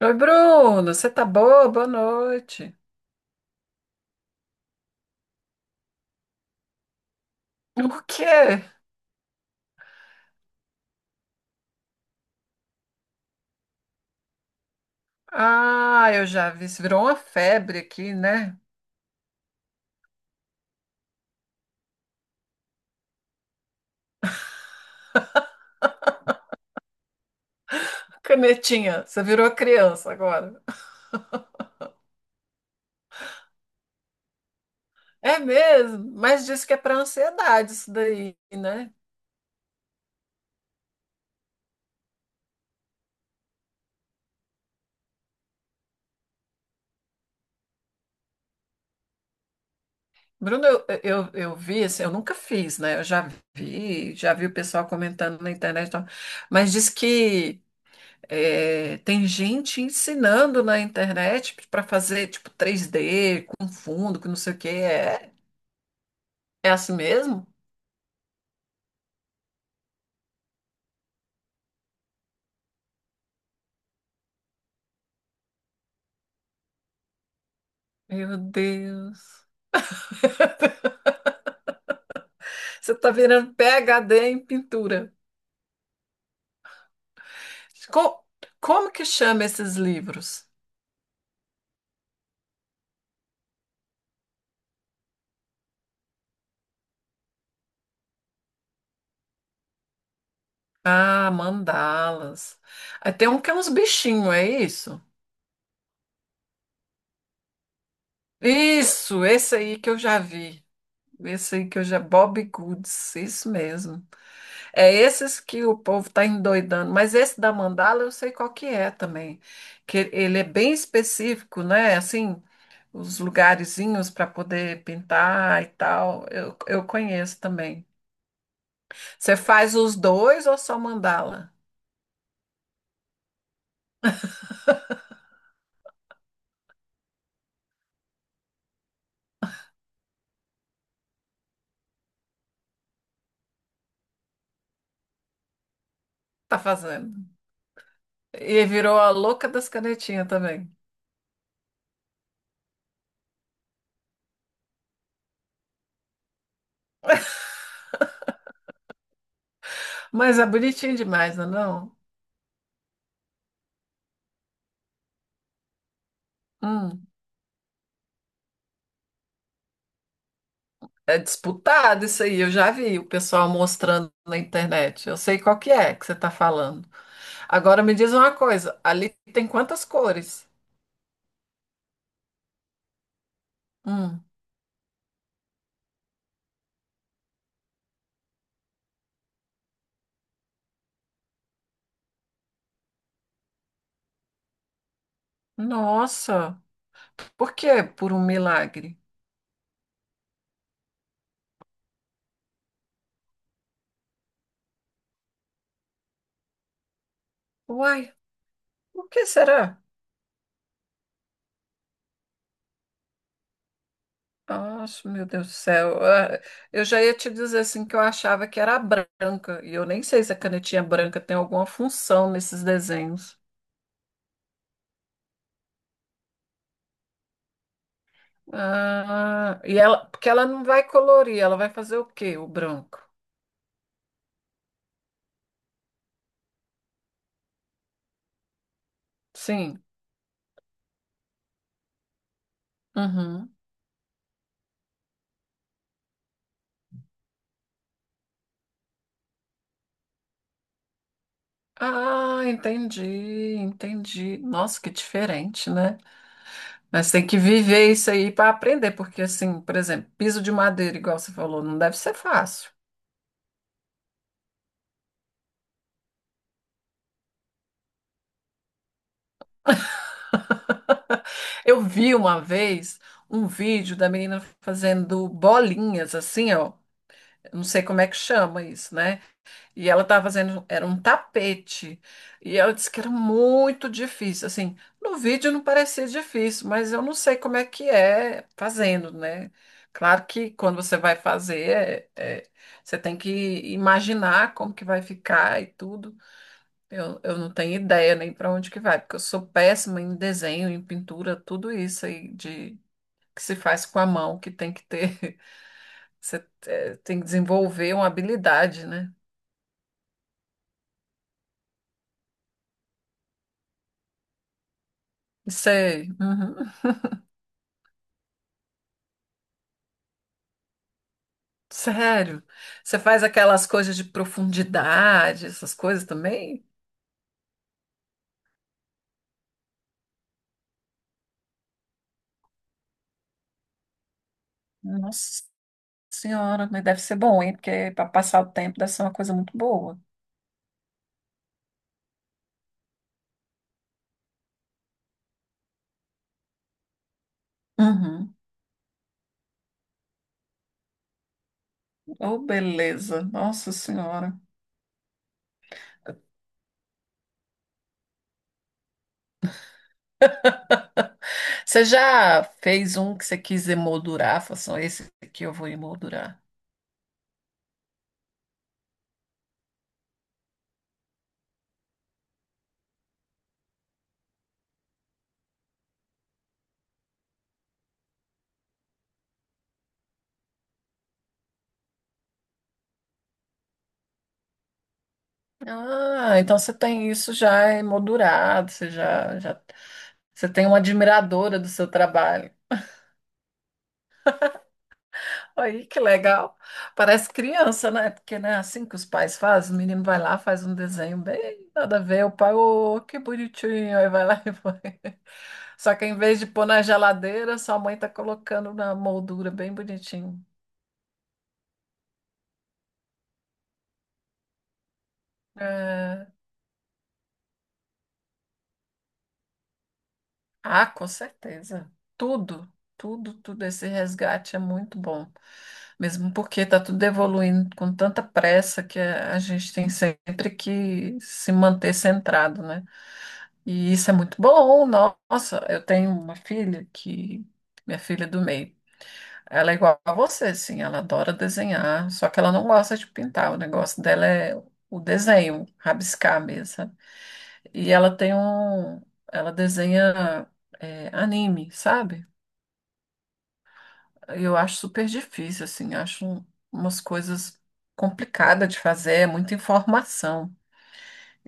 Oi, Bruno, você tá boa? Boa noite. O quê? Ah, eu já vi. Isso virou uma febre aqui, né? Canetinha, você virou criança agora. É mesmo, mas disse que é para ansiedade isso daí, né? Bruno, eu vi, assim, eu nunca fiz, né? Eu já vi o pessoal comentando na internet, e tal. Mas diz que tem gente ensinando na internet para fazer tipo 3D com fundo, com não sei o quê. É assim mesmo? Meu Deus. Você está virando PhD em pintura. Co- Como que chama esses livros? Ah, mandalas. Aí tem um que é uns bichinhos, é isso? Isso, esse aí que eu já vi. Esse aí que eu já. Bob Goods, isso mesmo. É esses que o povo tá endoidando. Mas esse da mandala eu sei qual que é também. Que ele é bem específico, né? Assim, os lugarzinhos para poder pintar e tal. Eu conheço também. Você faz os dois ou só mandala? Tá fazendo. E virou a louca das canetinhas também. Mas é bonitinho demais, não é não? Hum, É disputado isso aí. Eu já vi o pessoal mostrando na internet. Eu sei qual que é que você tá falando. Agora me diz uma coisa. Ali tem quantas cores? Hum, nossa. Por que por um milagre? Uai, por que será? Nossa, meu Deus do céu. Ah, eu já ia te dizer assim que eu achava que era branca, e eu nem sei se a canetinha branca tem alguma função nesses desenhos. Ah, e ela, porque ela não vai colorir, ela vai fazer o quê? O branco. Sim. Uhum. Ah, entendi, entendi. Nossa, que diferente, né? Mas tem que viver isso aí para aprender, porque assim, por exemplo, piso de madeira, igual você falou, não deve ser fácil. Eu vi uma vez um vídeo da menina fazendo bolinhas assim, ó. Eu não sei como é que chama isso, né? E ela estava fazendo, era um tapete. E ela disse que era muito difícil. Assim, no vídeo não parecia difícil, mas eu não sei como é que é fazendo, né? Claro que quando você vai fazer, você tem que imaginar como que vai ficar e tudo. Eu não tenho ideia nem para onde que vai, porque eu sou péssima em desenho, em pintura, tudo isso aí de que se faz com a mão, que tem que ter, você tem que desenvolver uma habilidade, né? Sei, uhum. Sério. Você faz aquelas coisas de profundidade, essas coisas também? Nossa senhora, mas deve ser bom, hein? Porque para passar o tempo deve ser uma coisa muito boa. Uhum. Oh, beleza. Nossa senhora. Você já fez um que você quis emoldurar? Falou assim, "Ó, esse aqui eu vou emoldurar." Ah, então você tem isso já emoldurado, você já, já você tem uma admiradora do seu trabalho. Aí, que legal. Parece criança, né? Porque não é assim que os pais fazem. O menino vai lá, faz um desenho bem nada a ver. O pai, ô, que bonitinho. Aí vai lá e põe. Só que em vez de pôr na geladeira, sua mãe tá colocando na moldura bem bonitinho. É. Ah, com certeza. Tudo, tudo, tudo. Esse resgate é muito bom. Mesmo porque está tudo evoluindo com tanta pressa que a gente tem sempre que se manter centrado, né? E isso é muito bom. Nossa, eu tenho uma filha que. Minha filha é do meio. Ela é igual a você, sim. Ela adora desenhar, só que ela não gosta de pintar. O negócio dela é o desenho, rabiscar mesmo. E ela tem um. Ela desenha anime, sabe? Eu acho super difícil, assim. Acho umas coisas complicadas de fazer, é muita informação.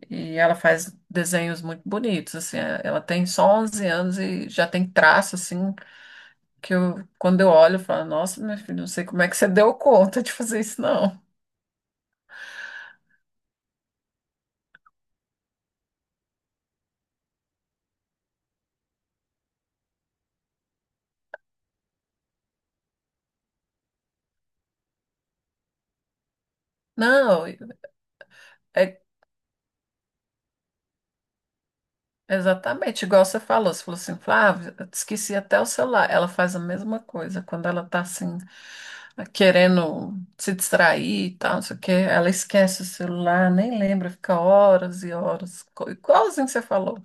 E ela faz desenhos muito bonitos, assim. Ela tem só 11 anos e já tem traço, assim, que eu, quando eu olho, eu falo: Nossa, meu filho, não sei como é que você deu conta de fazer isso, não. Não, é Exatamente, igual você falou assim, Flávia, eu esqueci até o celular. Ela faz a mesma coisa quando ela tá assim, querendo se distrair e tal, não sei o quê, ela esquece o celular, nem lembra, fica horas e horas, igualzinho que você falou.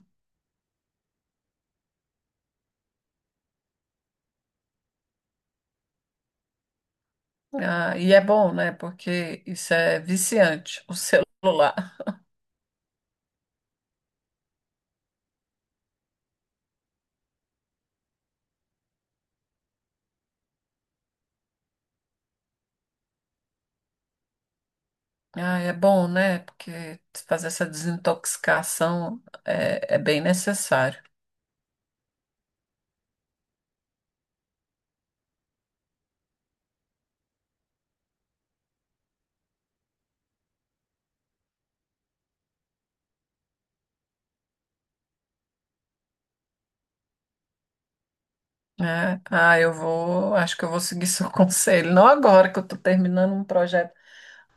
Ah, e é bom, né? Porque isso é viciante, o celular. Ah, é bom, né? Porque fazer essa desintoxicação é bem necessário. É, ah, acho que eu vou seguir seu conselho. Não agora que eu estou terminando um projeto,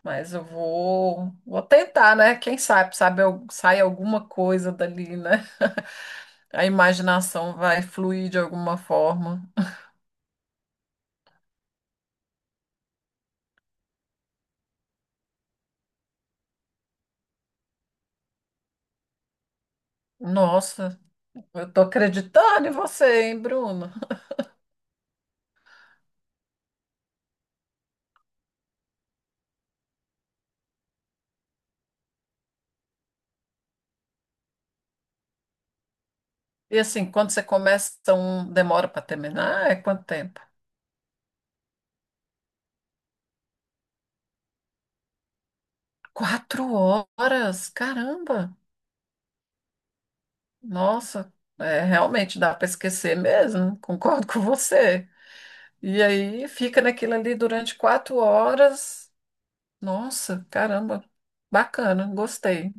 mas eu vou tentar, né? Quem sabe, sabe, sai alguma coisa dali, né? A imaginação vai fluir de alguma forma. Nossa, eu tô acreditando em você, hein, Bruno? E assim, quando você começa, demora para terminar? É quanto tempo? 4 horas, caramba! Nossa, realmente dá para esquecer mesmo. Concordo com você. E aí fica naquilo ali durante 4 horas. Nossa, caramba, bacana, gostei.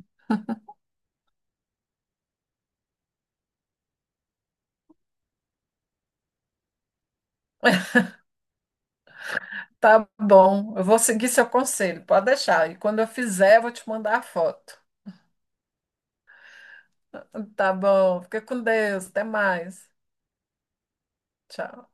Tá bom, eu vou seguir seu conselho, pode deixar. E quando eu fizer, eu vou te mandar a foto. Tá bom, fica com Deus, até mais. Tchau.